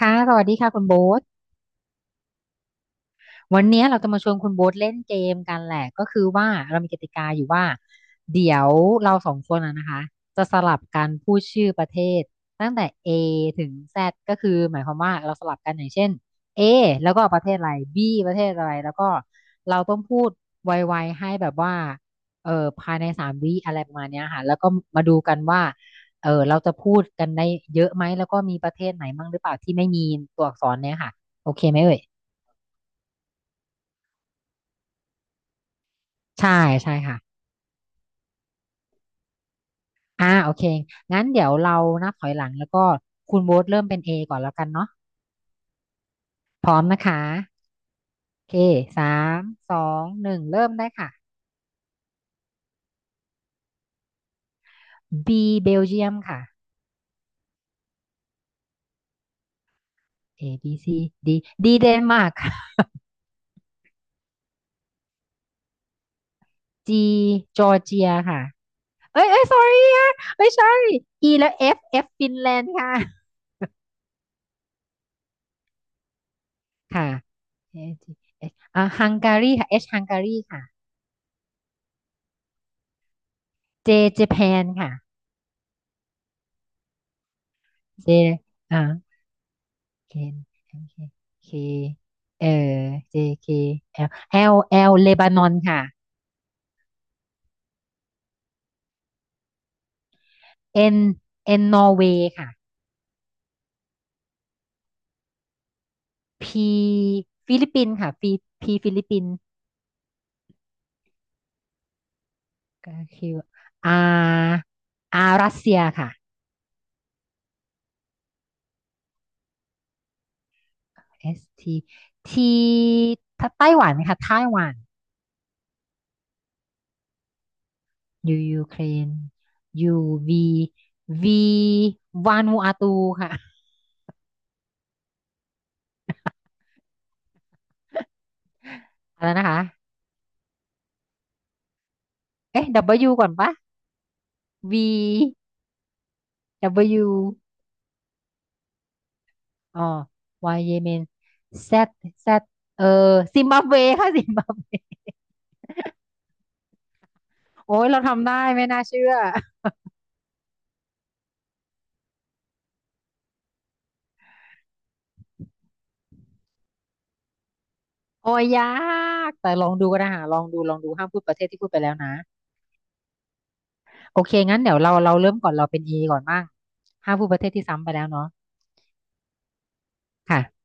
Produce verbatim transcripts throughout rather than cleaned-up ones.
ค่ะสวัสดีค่ะคุณโบ๊ท วันเนี้ยเราจะมาชวนคุณโบ๊ทเล่นเกมกันแหละก็คือว่าเรามีกติกาอยู่ว่าเดี๋ยวเราสองคนนะนะคะจะสลับกันพูดชื่อประเทศตั้งแต่ A ถึง Z ก็คือหมายความว่าเราสลับกันอย่างเช่น A แล้วก็ประเทศอะไร B ประเทศอะไรแล้วก็เราต้องพูดไวๆให้แบบว่าเออภายในสามวิอะไรประมาณเนี้ยค่ะแล้วก็มาดูกันว่าเออเราจะพูดกันได้เยอะไหมแล้วก็มีประเทศไหนบ้างหรือเปล่าที่ไม่มีตัวอักษรเนี่ยค่ะโอเคไหมเอ่ยใช่ใช่ค่ะ อ่าโอเคงั้นเดี๋ยวเรานับถอยหลังแล้วก็คุณโบ๊ทเริ่มเป็น A ก่อนแล้วกันเนาะพร้อมนะคะโอเคสามสองหนึ่งเริ่มได้ค่ะ B เบลเยียมค่ะ A B C D D เดนมาร์ก G จอร์เจียค่ะเอ้ยเอ้ย sorry อะเอ้ย sorry E แล้ว F F ฟินแลนด์ค่ะค่ะเอ H อชอ่าฮังการีค่ะ H ฮังการีค่ะ J ญี่ปุ่นค่ะ J อ่า เคนโอเคเคเออ J K L L L เลบานอนค่ะ N N นอร์เวย์ค่ะ P ฟิลิปปินส์ค่ะ P P ฟิลิปปินส์กคือ R R รัสเซียค่ะเอสที T ไต้หวันค่ะไต้หวัน U ยูเครน U V V วานูอาตูค่ะ อะไรนะคะ เอ๊ะ W ก่อนปะ V W อ๋อวายเยเมนแซดแซดเออซิมบับเวค่ะซิมบับเวโอ้ยเราทำได้ไม่น่าเชื่อโอ้ยยากแต่ลองดูก็ได้หาลองดูลองดูห้ามพูดประเทศที่พูดไปแล้วนะโอเคงั้นเดี๋ยวเราเราเริ่มก่อนเราเป็นอก่อนบ้างห้ามพูดประเทศที่ซ้ำไปแล้วเนาะค่ะ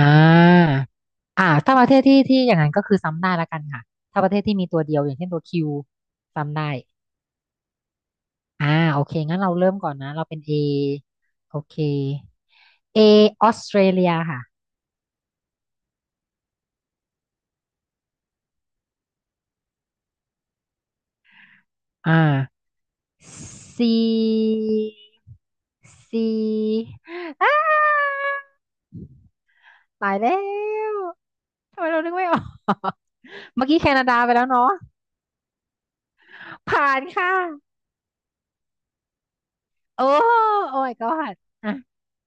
อ่าอ่าถ้าประเทศที่ที่อย่างนั้นก็คือซ้ำได้ละกันค่ะถ้าประเทศที่มีตัวเดียวอย่างเช่นตัวคิวซ้ำได้อ่าโอเคงั้นเราเริ่มก่อนนะเราเป็นเอโอเคเอออสเตรเลียค่ะ อ่าซีซีอ้าตายแล้วทำไมเรานึกไม่ออก เมื่อกี้แคนาดาไปแล้วเนาะผ่านค่ะโอ้โอ้ยก็ผ่านอ่ะ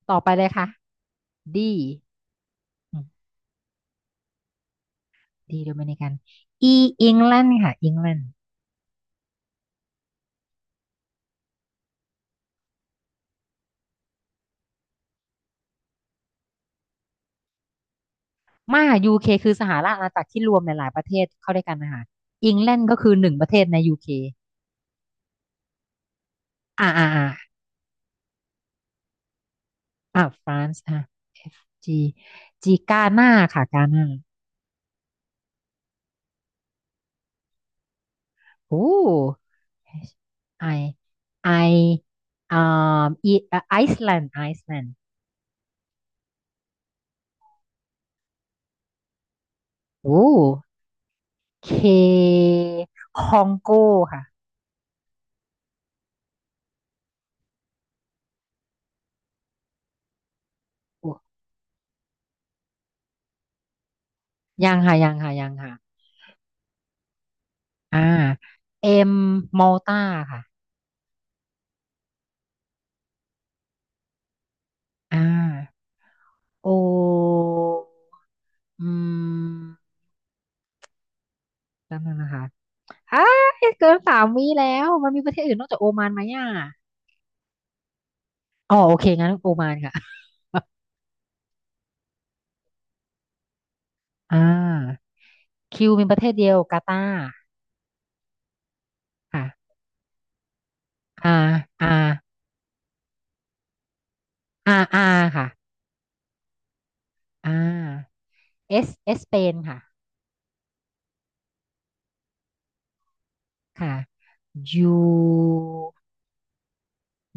ต่อไปเลยค่ะดีดีโดมินิกันอีอิงแลนด์ค่ะอิงแลนด์มายูเคคือสหราชอาณาจักรที่รวมหลายๆประเทศเข้าด้วยกันนะคะอิงแลนด์ก็คือหนึ่งประเทศในยูเคอ่าอ่าอ่า อ่ะฟรานซ์อ่ะ F G G กาหน้าค่ะกาหน้าโอ้ H I I อ่าอีไอซ์แลนด์ไอซ์แลนด์โอ้ K คองโกค่ะโอ้ยังค่ะยังค่ะยังค่ะอ่า M มอลตาค่ะอ่า O อืมแป๊นงนะคะอ่าเกินสามวิแล้วมันมีประเทศอื่นนอกจากโอมานไหมอ่ะอ๋อโอเคงั้นโอมานค่ะ อ่าคิวเป็นประเทศเดียวกาตาร์ค่ะอาอาอาอค่ะอ่าเอสเอสเปนค่ะค่ะยู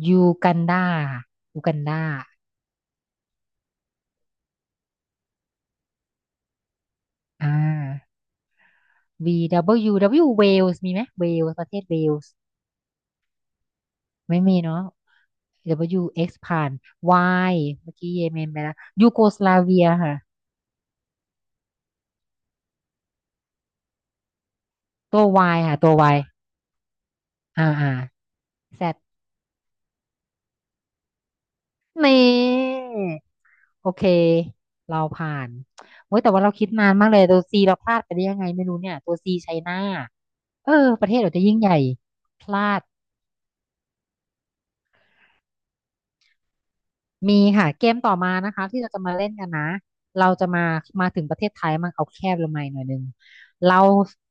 ยูกันดาค่ะยูกันดาอ่า V W W เวลส์มีไหมเวลส์ประเทศเวลส์ไม่มีเนาะ W X ผ่าน Y เมื่อกี้เยเมนไปแล้วยูโกสลาเวียค่ะตัว Y ค่ะตัว Y อ่าอ่า Z นี่ โอเค เราผ่านเว้ย แต่ว่าเราคิดนานมากเลย ตัวซีเราพลาดไปได้ยังไงไม่รู้เนี่ย ตัวซีไชน่าเออ ประเทศเราจะยิ่งใหญ่ พลาด มีค่ะเกมต่อมานะคะที่เราจะมาเล่นกันนะเราจะมามาถึงประเทศไทยมันเอาแคบลงมาอีกหน่อยหนึงเรา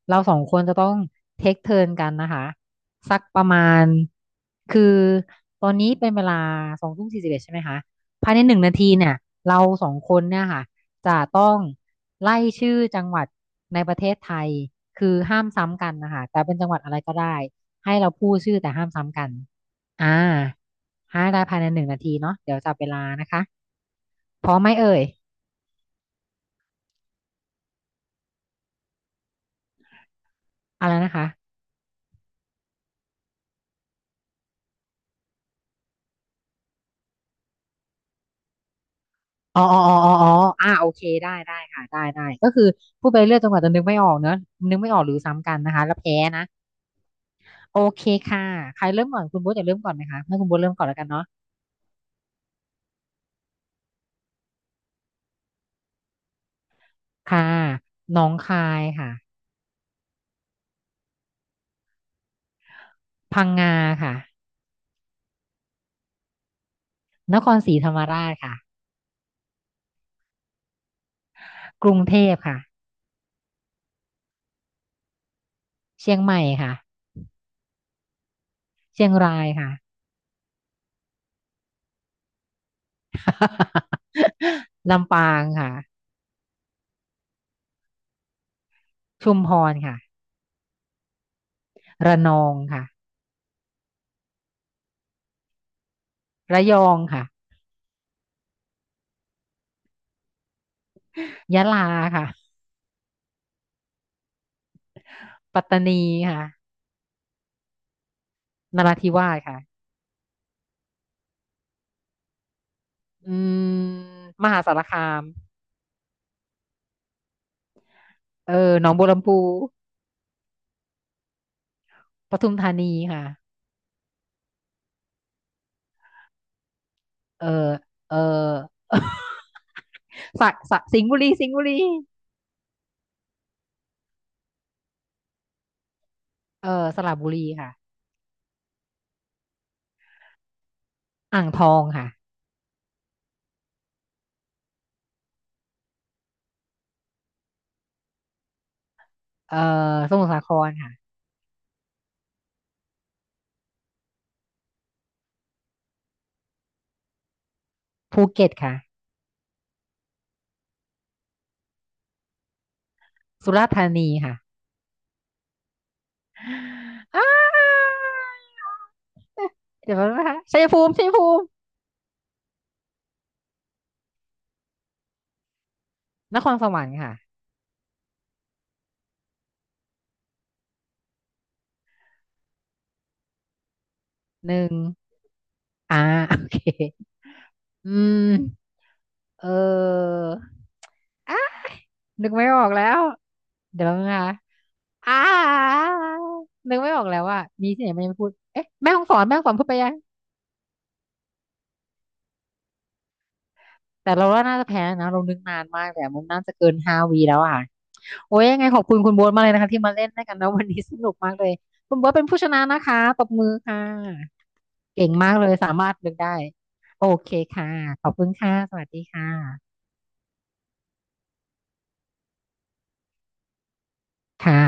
เราสองคนจะต้องเทคเทิร์นกันนะคะสักประมาณคือตอนนี้เป็นเวลาสองทุ่มสี่สิบเอ็ดใช่ไหมคะภายในหนึ่งนาทีเนี่ยเราสองคนเนี่ยค่ะจะต้องไล่ชื่อจังหวัดในประเทศไทยคือห้ามซ้ำกันนะคะแต่เป็นจังหวัดอะไรก็ได้ให้เราพูดชื่อแต่ห้ามซ้ำกันอ่า ให้ได้ภายในหนึ่งนาทีเนาะเดี๋ยวจับเวลานะคะพร้อมไหมเอ่ยอะไรนะคะอ๋ออ๋ออ๋ออ๋ออ๋ออ่าโอเคได้ได้ค่ะได้ได้ก็คือพูดไปเรื่อยจนกว่าจะนึกไม่ออกเนอะนึกไม่ออกหรือซ้ำกันนะคะแล้วแพ้นะโอเคค่ะใครเริ่มก่อนคุณโบ๊ทจะเริ่มก่อนไหมคะให้คุณโบ๊ทเริ่มก่อนแล้วกันเนาะค่ะหนองคายค่ะพังงาค่ะนครศรีธรรมราชค่ะกรุงเทพค่ะเชียงใหม่ค่ะเชียงรายค่ะ ลำปางค่ะชุมพรค่ะระนองค่ะ ระยองค่ะยะลาค่ะปัตตานีค่ะนราธิวาสค่ะอืมมหาสารคามเออหนองบัวลำพูปทุมธานีค่ะเออเออ สระสระสิงห์บุรีสิงห์บุรีเออสระบุรีค่ะอ่างทองค่ะเออสมุทรสาครค่ะภูเก็ตค่ะสุราษฎร์ธานีค่ะ อ้าเดี๋ยวแป๊บนะคะชัยภูมิชัยภูมินครสวรรค์ค่ะหนึ่งอ่า โอเค อืมเอออ่ะนึกไม่ออกแล้วเดี๋ยวนะคะอ่านึกไม่ออกแล้วว่ามีที่ไหนมันยังไม่พูดเอ๊ะแม่ฮ่องสอนแม่ฮ่องสอนพูดไปยังแต่เราว่าน่าจะแพ้นะเรานึกนานมากแต่มันน่าจะเกินห้าวีแล้วอ่ะโอ้ยยังไงขอบคุณคุณโบ๊ทมากเลยนะคะที่มาเล่นด้วยกันนะวันนี้สนุกมากเลยคุณโบ๊ทเป็นผู้ชนะนะคะตบมือค่ะเก่งมากเลยสามารถนึกได้โอเคค่ะขอบคุณค่ะสวัสดีค่ะค่ะ